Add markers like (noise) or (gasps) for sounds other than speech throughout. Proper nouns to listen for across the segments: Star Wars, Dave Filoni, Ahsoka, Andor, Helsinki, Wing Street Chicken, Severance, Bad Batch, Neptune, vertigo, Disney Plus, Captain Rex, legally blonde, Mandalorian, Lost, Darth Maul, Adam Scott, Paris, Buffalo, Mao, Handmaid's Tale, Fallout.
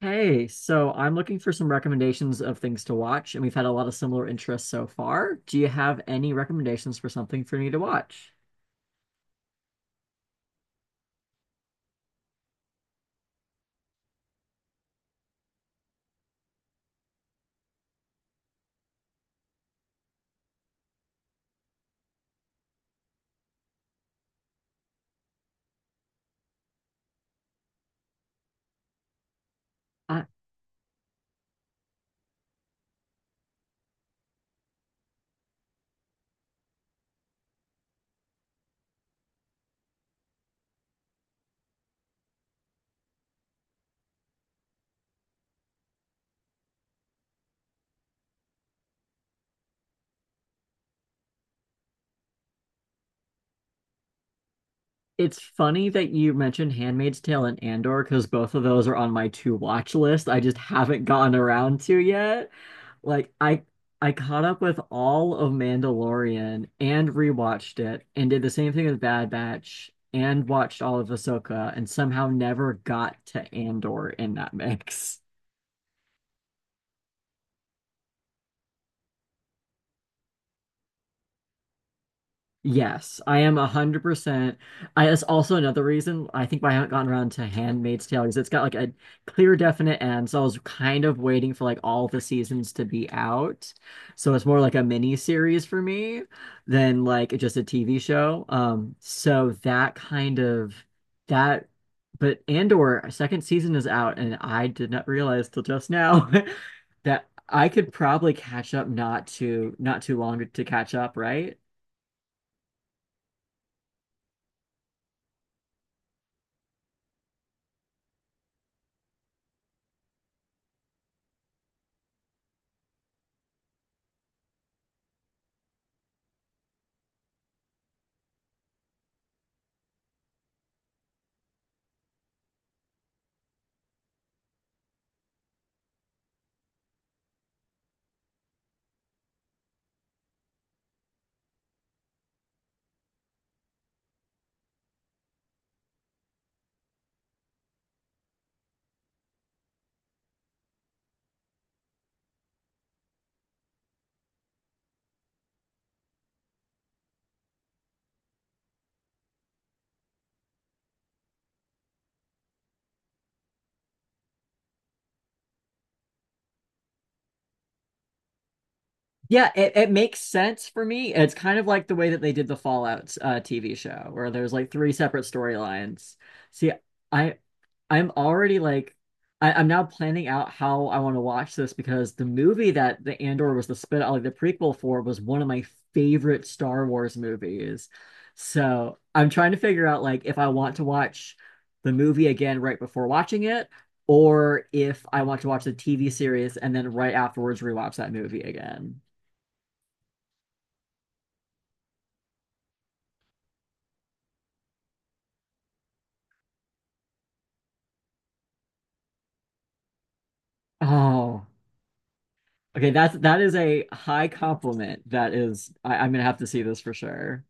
Hey, so I'm looking for some recommendations of things to watch, and we've had a lot of similar interests so far. Do you have any recommendations for something for me to watch? Uh, it's funny that you mentioned Handmaid's Tale and Andor because both of those are on my to watch list. I just (laughs) haven't gotten around to yet. Like I I caught up with all of Mandalorian and rewatched it and did the same thing with Bad Batch and watched all of Ahsoka and somehow never got to Andor in that (laughs) mix. Yes, I am 100%. That's also another reason I think why I haven't gotten around to Handmaid's Tale because it's got like a clear, definite end. So I was kind of waiting for like all the seasons to be out. So it's more like a mini series for me than like just a TV show. So that kind of that, but Andor second season is out, and I did not realize till just now (laughs) that I could probably catch up not too long to catch up, right? Yeah, it makes sense for me. It's kind of like the way that they did the Fallout TV show, where there's like three separate storylines. See, I I'm already I'm now planning out how I want to watch this because the movie that the Andor was the spin like the prequel for was one of my favorite Star Wars movies. So I'm trying to figure out like if I want to watch the movie again right before watching it, or if I want to watch the TV series and then right afterwards rewatch that movie again. Oh, okay. That is a high compliment. I'm gonna have to see this for sure.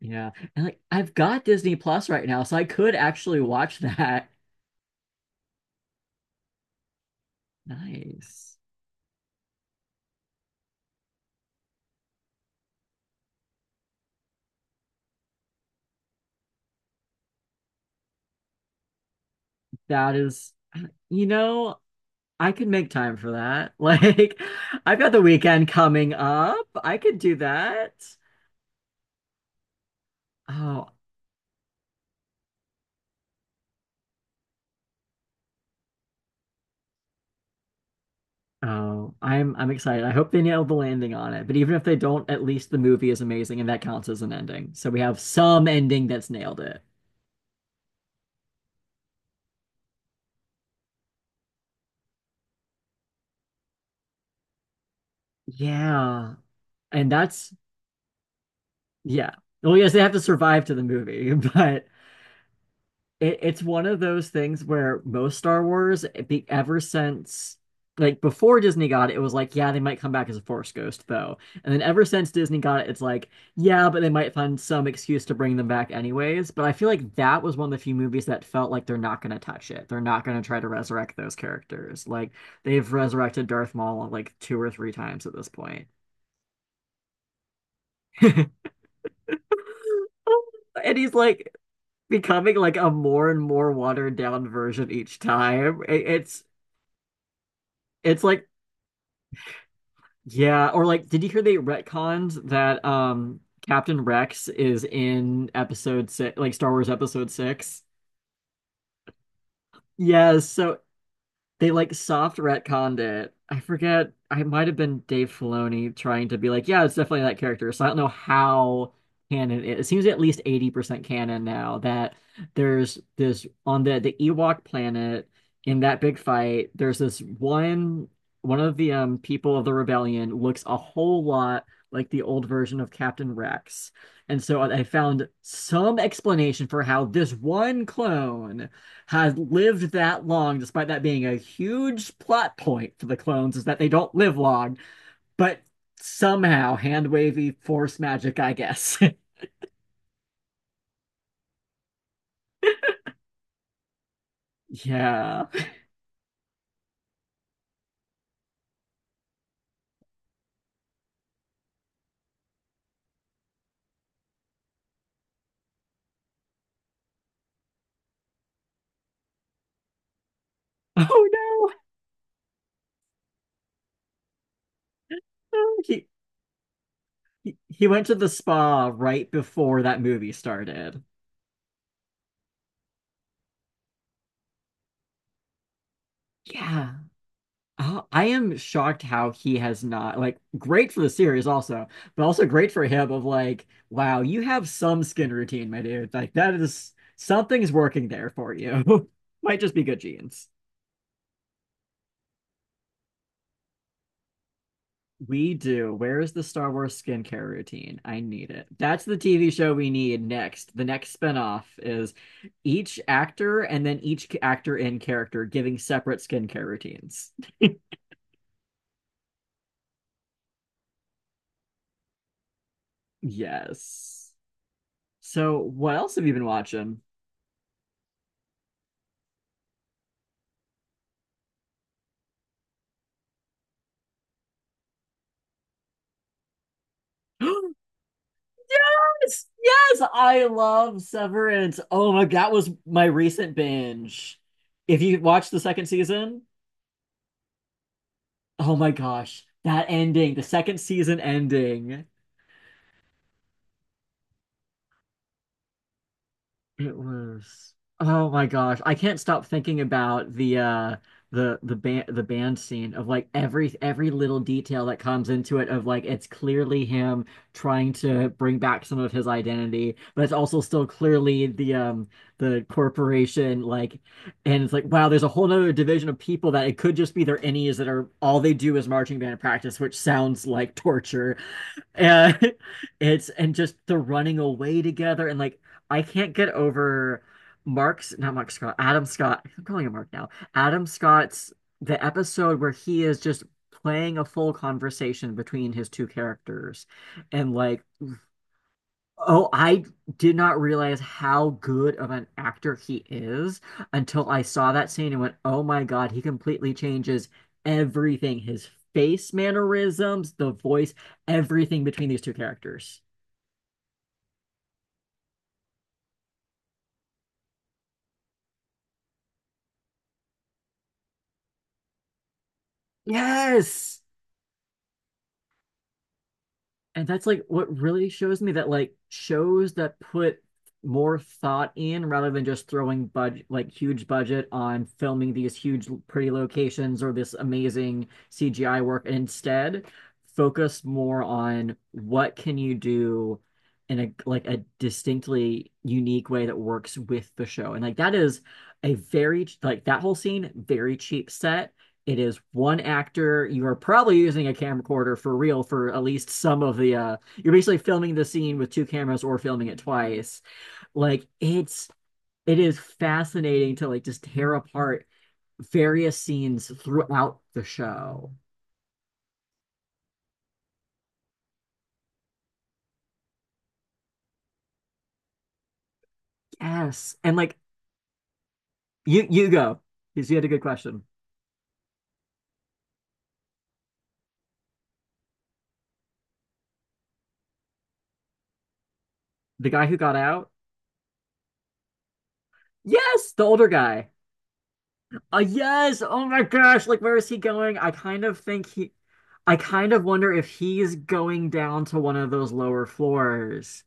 Yeah, and like I've got Disney Plus right now, so I could actually watch that. (laughs) Nice. That is, you know, I could make time for that. (laughs) Like, I've got the weekend coming up. I could do that. Oh, oh, I'm excited. I hope they nail the landing on it. But even if they don't, at least the movie is amazing, and that counts as an ending. So we have some ending that's nailed it. Yeah. And that's, yeah. Well, yes, they have to survive to the movie, (laughs) but it's one of those things where most Star Wars, ever since, like before Disney got it, it was like, yeah, they might come back as a Force ghost, though. And then ever since Disney got it, it's like, yeah, but they might find some excuse to bring them back anyways. But I feel like that was one of the few movies that felt like they're not going to touch it. They're not going to try to resurrect those characters. Like they've resurrected Darth Maul like two or three times at this point. (laughs) And he's like becoming like a more and more watered down version each time. It's like yeah, or like did you hear they retconned that Captain Rex is in episode six, like Star Wars episode six? Yes, so they like soft retconned it. I forget. I might have been Dave Filoni trying to be like, yeah, it's definitely that character. So I don't know how canon it is. It seems at least 80% canon now that there's this on the Ewok planet in that big fight, there's this one one of the people of the rebellion looks a whole lot like the old version of Captain Rex. And so I found some explanation for how this one clone has lived that long, despite that being a huge plot point for the clones, is that they don't live long, but somehow hand wavy force magic, I guess. (laughs) Yeah. Oh no. Oh, he, he went to the spa right before that movie started. Yeah. Oh, I am shocked how he has not like great for the series also, but also great for him of like, wow, you have some skin routine, my dude. Like that is something's working there for you. (laughs) Might just be good genes. We do. Where is the Star Wars skincare routine? I need it. That's the TV show we need next. The next spinoff is each actor and then each actor in character giving separate skincare routines. Yes. So what else have you been watching? (gasps) Yes, I love Severance. Oh my, that was my recent binge. If you watch the second season, oh my gosh, that ending, the second season ending. It was oh my gosh. I can't stop thinking about the the band scene of like every little detail that comes into it of like it's clearly him trying to bring back some of his identity, but it's also still clearly the corporation like and it's like wow, there's a whole nother division of people that it could just be their innies that are all they do is marching band practice, which sounds like torture. And (laughs) it's and just the running away together and like I can't get over Mark's not Mark Scott, Adam Scott. I'm calling him Mark now. Adam Scott's the episode where he is just playing a full conversation between his two characters and like oh, I did not realize how good of an actor he is until I saw that scene and went, oh my God, he completely changes everything. His face mannerisms, the voice, everything between these two characters. Yes. And that's like what really shows me that like shows that put more thought in rather than just throwing budget like huge budget on filming these huge pretty locations or this amazing CGI work and instead focus more on what can you do in a distinctly unique way that works with the show. And like that is a very like that whole scene, very cheap set it is one actor. You are probably using a camcorder for real for at least some of the you're basically filming the scene with two cameras or filming it twice. Like it is fascinating to like just tear apart various scenes throughout the show. Yes. And like you go because you had a good question. The guy who got out? Yes, the older guy. Yes. Oh my gosh. Like, where is he going? I kind of wonder if he's going down to one of those lower floors,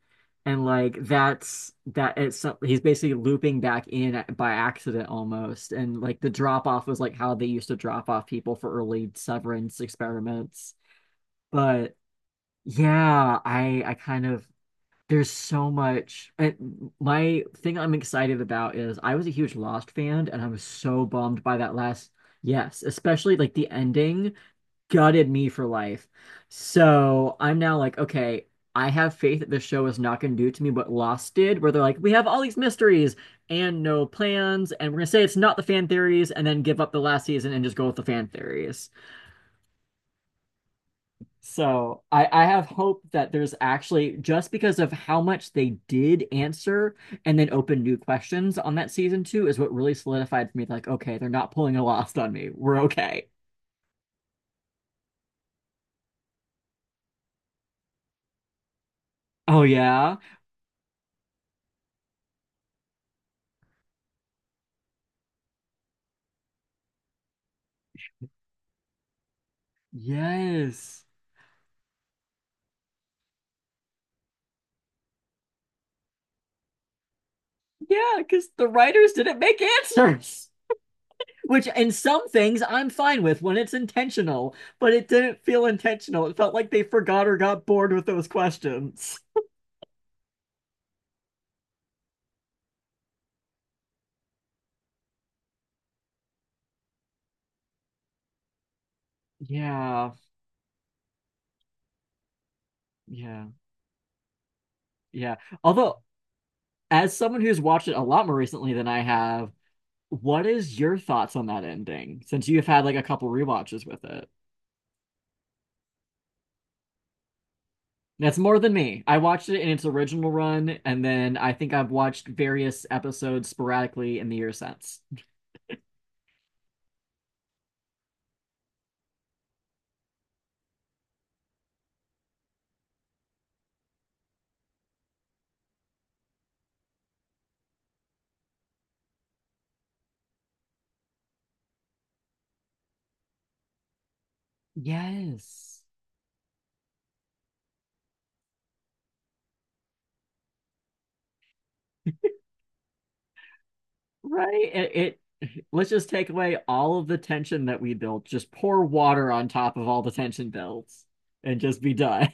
and like that's that it's he's basically looping back in by accident almost, and like the drop off was like how they used to drop off people for early severance experiments. But yeah, I kind of there's so much. And my thing I'm excited about is I was a huge Lost fan and I was so bummed by that last, yes, especially like the ending gutted me for life. So I'm now like, okay, I have faith that this show is not going to do to me what Lost did, where they're like, we have all these mysteries and no plans, and we're going to say it's not the fan theories and then give up the last season and just go with the fan theories. So I have hope that there's actually just because of how much they did answer and then open new questions on that season two is what really solidified for me. Like, okay, they're not pulling a lost on me. We're okay. Oh yeah. Yes. Yeah, because the writers didn't make answers. Which in some things I'm fine with when it's intentional, but it didn't feel intentional. It felt like they forgot or got bored with those questions. Yeah. Yeah. Yeah. Although as someone who's watched it a lot more recently than I have, what is your thoughts on that ending? Since you've had like a couple rewatches with it. That's more than me. I watched it in its original run, and then I think I've watched various episodes sporadically in the year since. Yes. Right? It let's just take away all of the tension that we built. Just pour water on top of all the tension builds and just be done.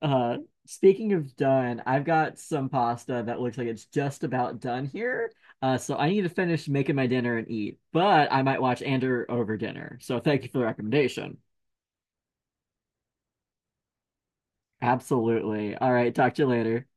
Uh, speaking of done, I've got some pasta that looks like it's just about done here. So I need to finish making my dinner and eat, but I might watch Andor over dinner. So thank you for the recommendation. Absolutely. All right, talk to you later.